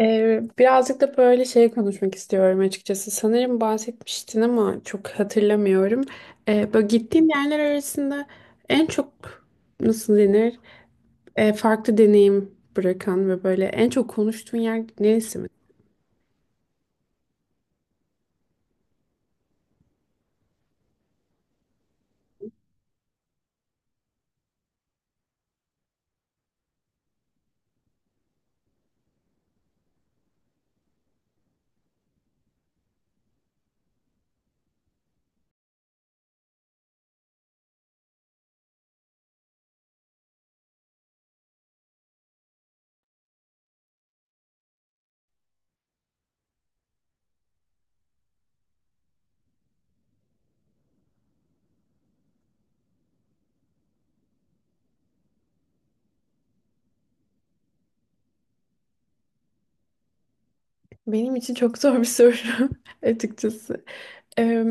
Birazcık da böyle şey konuşmak istiyorum açıkçası. Sanırım bahsetmiştin ama çok hatırlamıyorum. Böyle gittiğin yerler arasında en çok nasıl denir? Farklı deneyim bırakan ve böyle en çok konuştuğun yer neresi mi? Benim için çok zor bir soru açıkçası. Ee,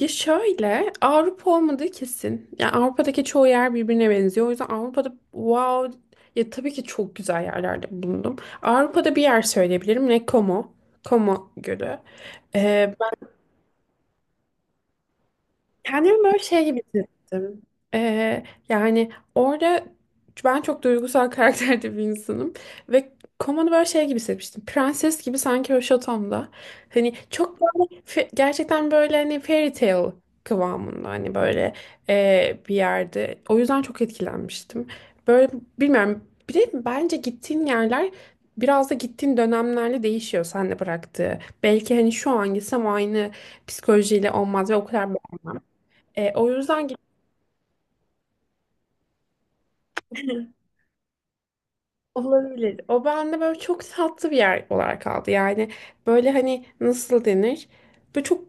Ya şöyle Avrupa olmadığı kesin. Yani Avrupa'daki çoğu yer birbirine benziyor. O yüzden Avrupa'da wow, ya tabii ki çok güzel yerlerde bulundum. Avrupa'da bir yer söyleyebilirim. Ne Como. Como Gölü. Kendimi böyle şey gibi hissettim. Ee, yani orada ben çok duygusal karakterde bir insanım. Ve komanı böyle şey gibi hissetmiştim. Prenses gibi sanki o şatomda. Hani çok böyle gerçekten böyle hani fairy tale kıvamında hani böyle bir yerde. O yüzden çok etkilenmiştim. Böyle bilmiyorum. Bir de bence gittiğin yerler biraz da gittiğin dönemlerle değişiyor sen de bıraktığı. Belki hani şu an gitsem aynı psikolojiyle olmaz ve o kadar, o yüzden gibi olabilir. O bende böyle çok tatlı bir yer olarak kaldı. Yani böyle hani nasıl denir? Böyle çok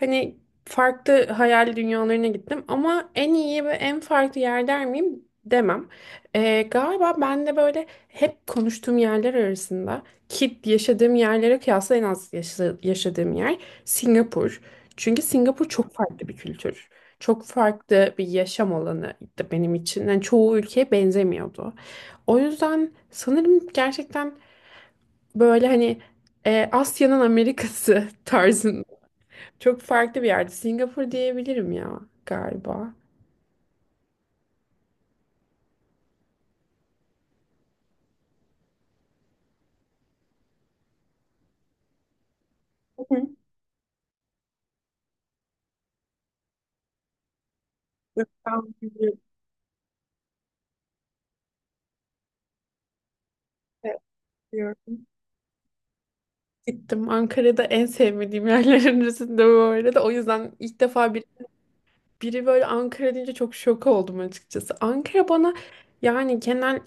hani farklı hayal dünyalarına gittim ama en iyi ve en farklı yer der miyim? Demem. E, galiba ben de böyle hep konuştuğum yerler arasında ki yaşadığım yerlere kıyasla en az yaşadığım yer Singapur. Çünkü Singapur çok farklı bir kültür. Çok farklı bir yaşam alanı benim için. Yani çoğu ülkeye benzemiyordu. O yüzden sanırım gerçekten böyle hani, Asya'nın Amerika'sı tarzında çok farklı bir yerde. Singapur diyebilirim ya galiba. Hı hı. Ben biliyorum, evet, biliyorum. Gittim, Ankara'da en sevmediğim yerlerin arasında bu arada. O yüzden ilk defa bir biri böyle Ankara deyince çok şok oldum açıkçası. Ankara bana, yani genel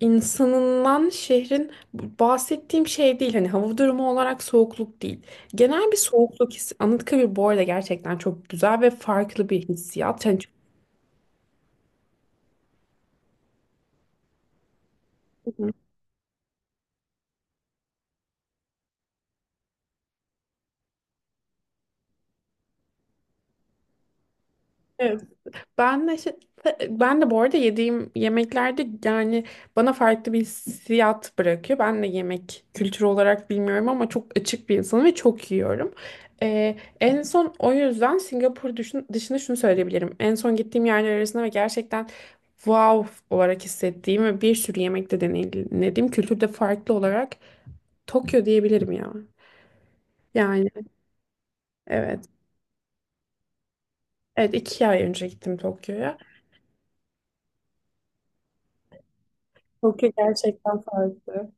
insanından şehrin, bahsettiğim şey değil. Hani hava durumu olarak soğukluk değil. Genel bir soğukluk hissi. Anıtkabir bu arada gerçekten çok güzel ve farklı bir hissiyat. Yani çok- Ben de, şey- ben de bu arada yediğim yemeklerde yani bana farklı bir hissiyat bırakıyor. Ben de yemek kültürü olarak bilmiyorum ama çok açık bir insanım ve çok yiyorum. En son o yüzden Singapur dışında şunu söyleyebilirim. En son gittiğim yerler arasında ve gerçekten wow olarak hissettiğim ve bir sürü yemekte deneyimlediğim kültürde farklı olarak Tokyo diyebilirim ya. Yani evet. Evet, iki ay önce gittim Tokyo'ya. Tokyo gerçekten farklı.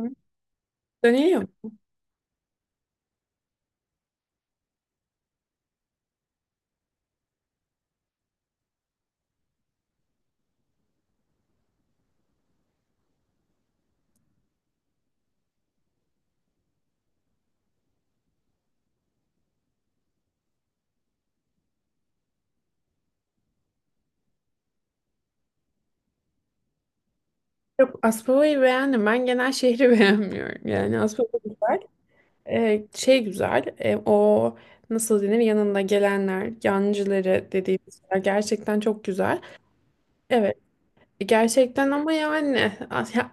Hı. Dönüyor. Yok, Aspava'yı beğendim. Ben genel şehri beğenmiyorum. Yani Aspava güzel. Şey güzel. O nasıl denir? Yanında gelenler, yancıları dediğimiz yer gerçekten çok güzel. Evet. Gerçekten ama yani ya,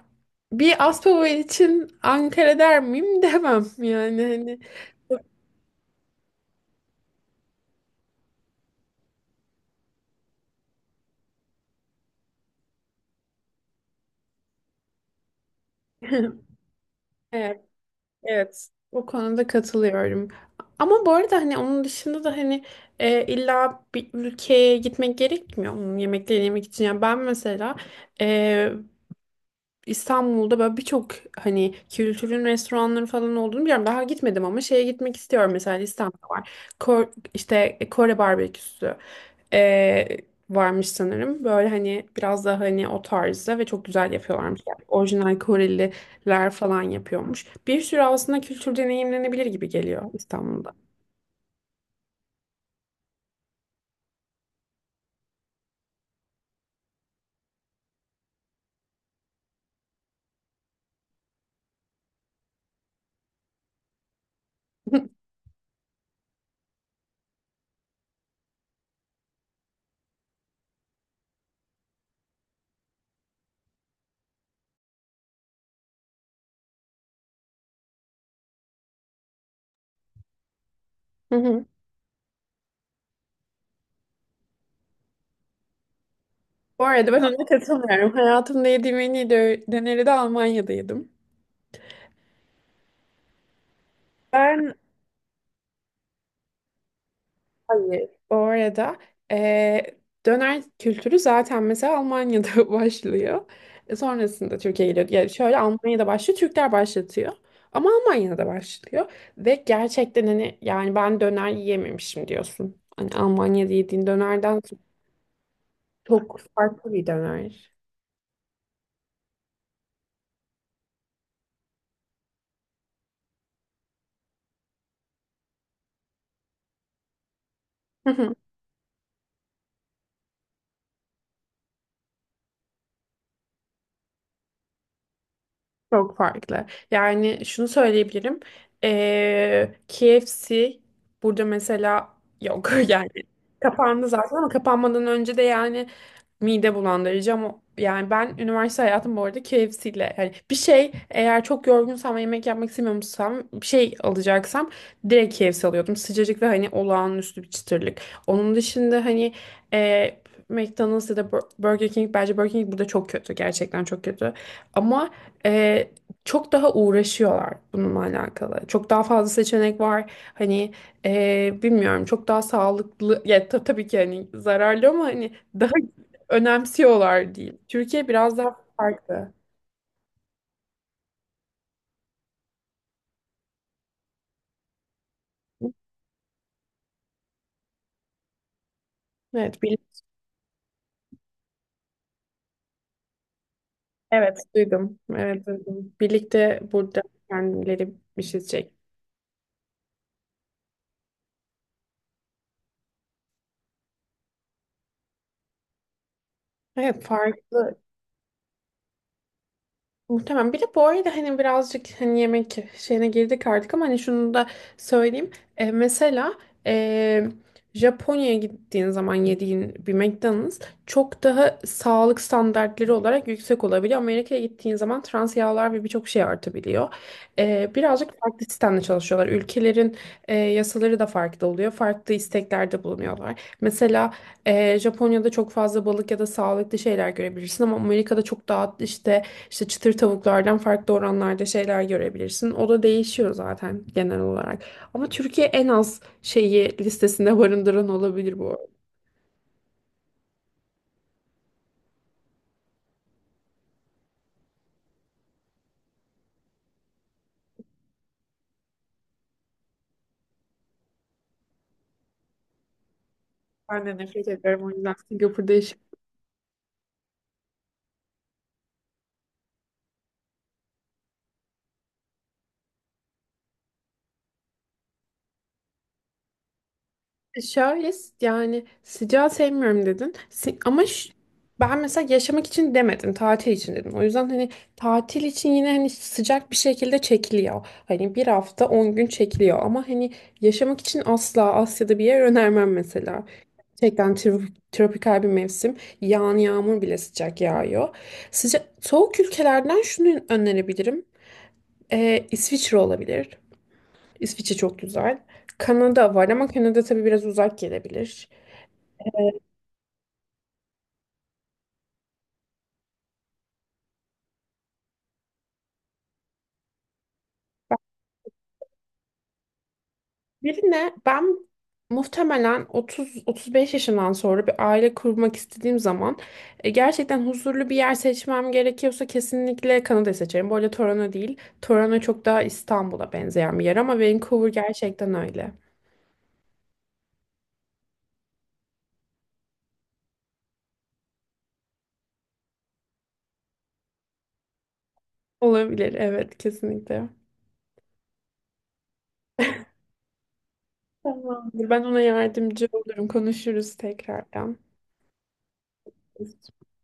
bir Aspava için Ankara der miyim demem. Yani hani. Evet, o konuda katılıyorum. Ama bu arada hani onun dışında da hani, illa bir ülkeye gitmek gerekmiyor onun yemeklerini yemek için. Yani ben mesela, e, İstanbul'da böyle birçok hani kültürün restoranları falan olduğunu biliyorum. Daha gitmedim ama şeye gitmek istiyorum. Mesela İstanbul'da var. Kore barbeküsü ee, varmış sanırım. Böyle hani biraz daha hani o tarzda ve çok güzel yapıyorlarmış. Yani orijinal Koreliler falan yapıyormuş. Bir sürü aslında kültür deneyimlenebilir gibi geliyor İstanbul'da. Hı hı. Bu arada ben ona katılmıyorum. Hayatımda yediğim en iyi döneri de Almanya'da yedim. Ben hayır. Bu arada eee, döner kültürü zaten mesela Almanya'da başlıyor. E, sonrasında Türkiye'ye geliyor. Yani şöyle Almanya'da başlıyor, Türkler başlatıyor. Ama Almanya'da başlıyor. Ve gerçekten hani yani ben döner yiyememişim diyorsun. Hani Almanya'da yediğin dönerden çok farklı bir döner. Çok farklı. Yani şunu söyleyebilirim. KFC burada mesela yok. Yani kapandı zaten ama kapanmadan önce de yani mide bulandırıcı ama yani ben üniversite hayatım bu arada KFC ile, yani bir şey, eğer çok yorgunsam ve yemek yapmak istemiyorsam bir şey alacaksam direkt KFC alıyordum. Sıcacık ve hani olağanüstü bir çıtırlık. Onun dışında hani, e, McDonald's ya da Burger King, bence Burger King burada çok kötü, gerçekten çok kötü. Ama ee, çok daha uğraşıyorlar bununla alakalı. Çok daha fazla seçenek var. Hani bilmiyorum, çok daha sağlıklı. Ya tabii ki hani zararlı ama hani daha önemsiyorlar diyeyim. Türkiye biraz daha farklı. Evet, evet duydum. Evet duydum. Birlikte burada kendileri bir şey çek. Evet farklı. Muhtemelen. Bir de bu arada hani birazcık hani yemek şeyine girdik artık ama hani şunu da söyleyeyim. Mesela e, Japonya'ya gittiğin zaman yediğin bir McDonald's çok daha sağlık standartları olarak yüksek olabiliyor. Amerika'ya gittiğin zaman trans yağlar ve birçok şey artabiliyor. Birazcık farklı sistemle çalışıyorlar. Ülkelerin, yasaları da farklı oluyor. Farklı isteklerde bulunuyorlar. Mesela, Japonya'da çok fazla balık ya da sağlıklı şeyler görebilirsin ama Amerika'da çok daha işte, çıtır tavuklardan farklı oranlarda şeyler görebilirsin. O da değişiyor zaten genel olarak. Ama Türkiye en az şeyi listesinde barındıran olabilir bu arada. Ben de nefret ederim, o yüzden Singapur'da yaşıyorum. Şayet yani sıcağı sevmiyorum dedin. Ben mesela yaşamak için demedim, tatil için dedim. O yüzden hani tatil için yine hani sıcak bir şekilde çekiliyor. Hani bir hafta 10 gün çekiliyor ama hani yaşamak için asla Asya'da bir yer önermem mesela. Gerçekten tropikal bir mevsim. Yağan yağmur bile sıcak yağıyor. Sıcak soğuk ülkelerden şunu önerebilirim. İsviçre olabilir. İsviçre çok güzel. Kanada var ama Kanada tabii biraz uzak gelebilir. Birine ben muhtemelen 30-35 yaşından sonra bir aile kurmak istediğim zaman, gerçekten huzurlu bir yer seçmem gerekiyorsa kesinlikle Kanada'yı seçerim. Bu arada Toronto değil. Toronto çok daha İstanbul'a benzeyen bir yer ama Vancouver gerçekten öyle. Olabilir, evet kesinlikle. Tamamdır. Ben ona yardımcı olurum. Konuşuruz tekrardan.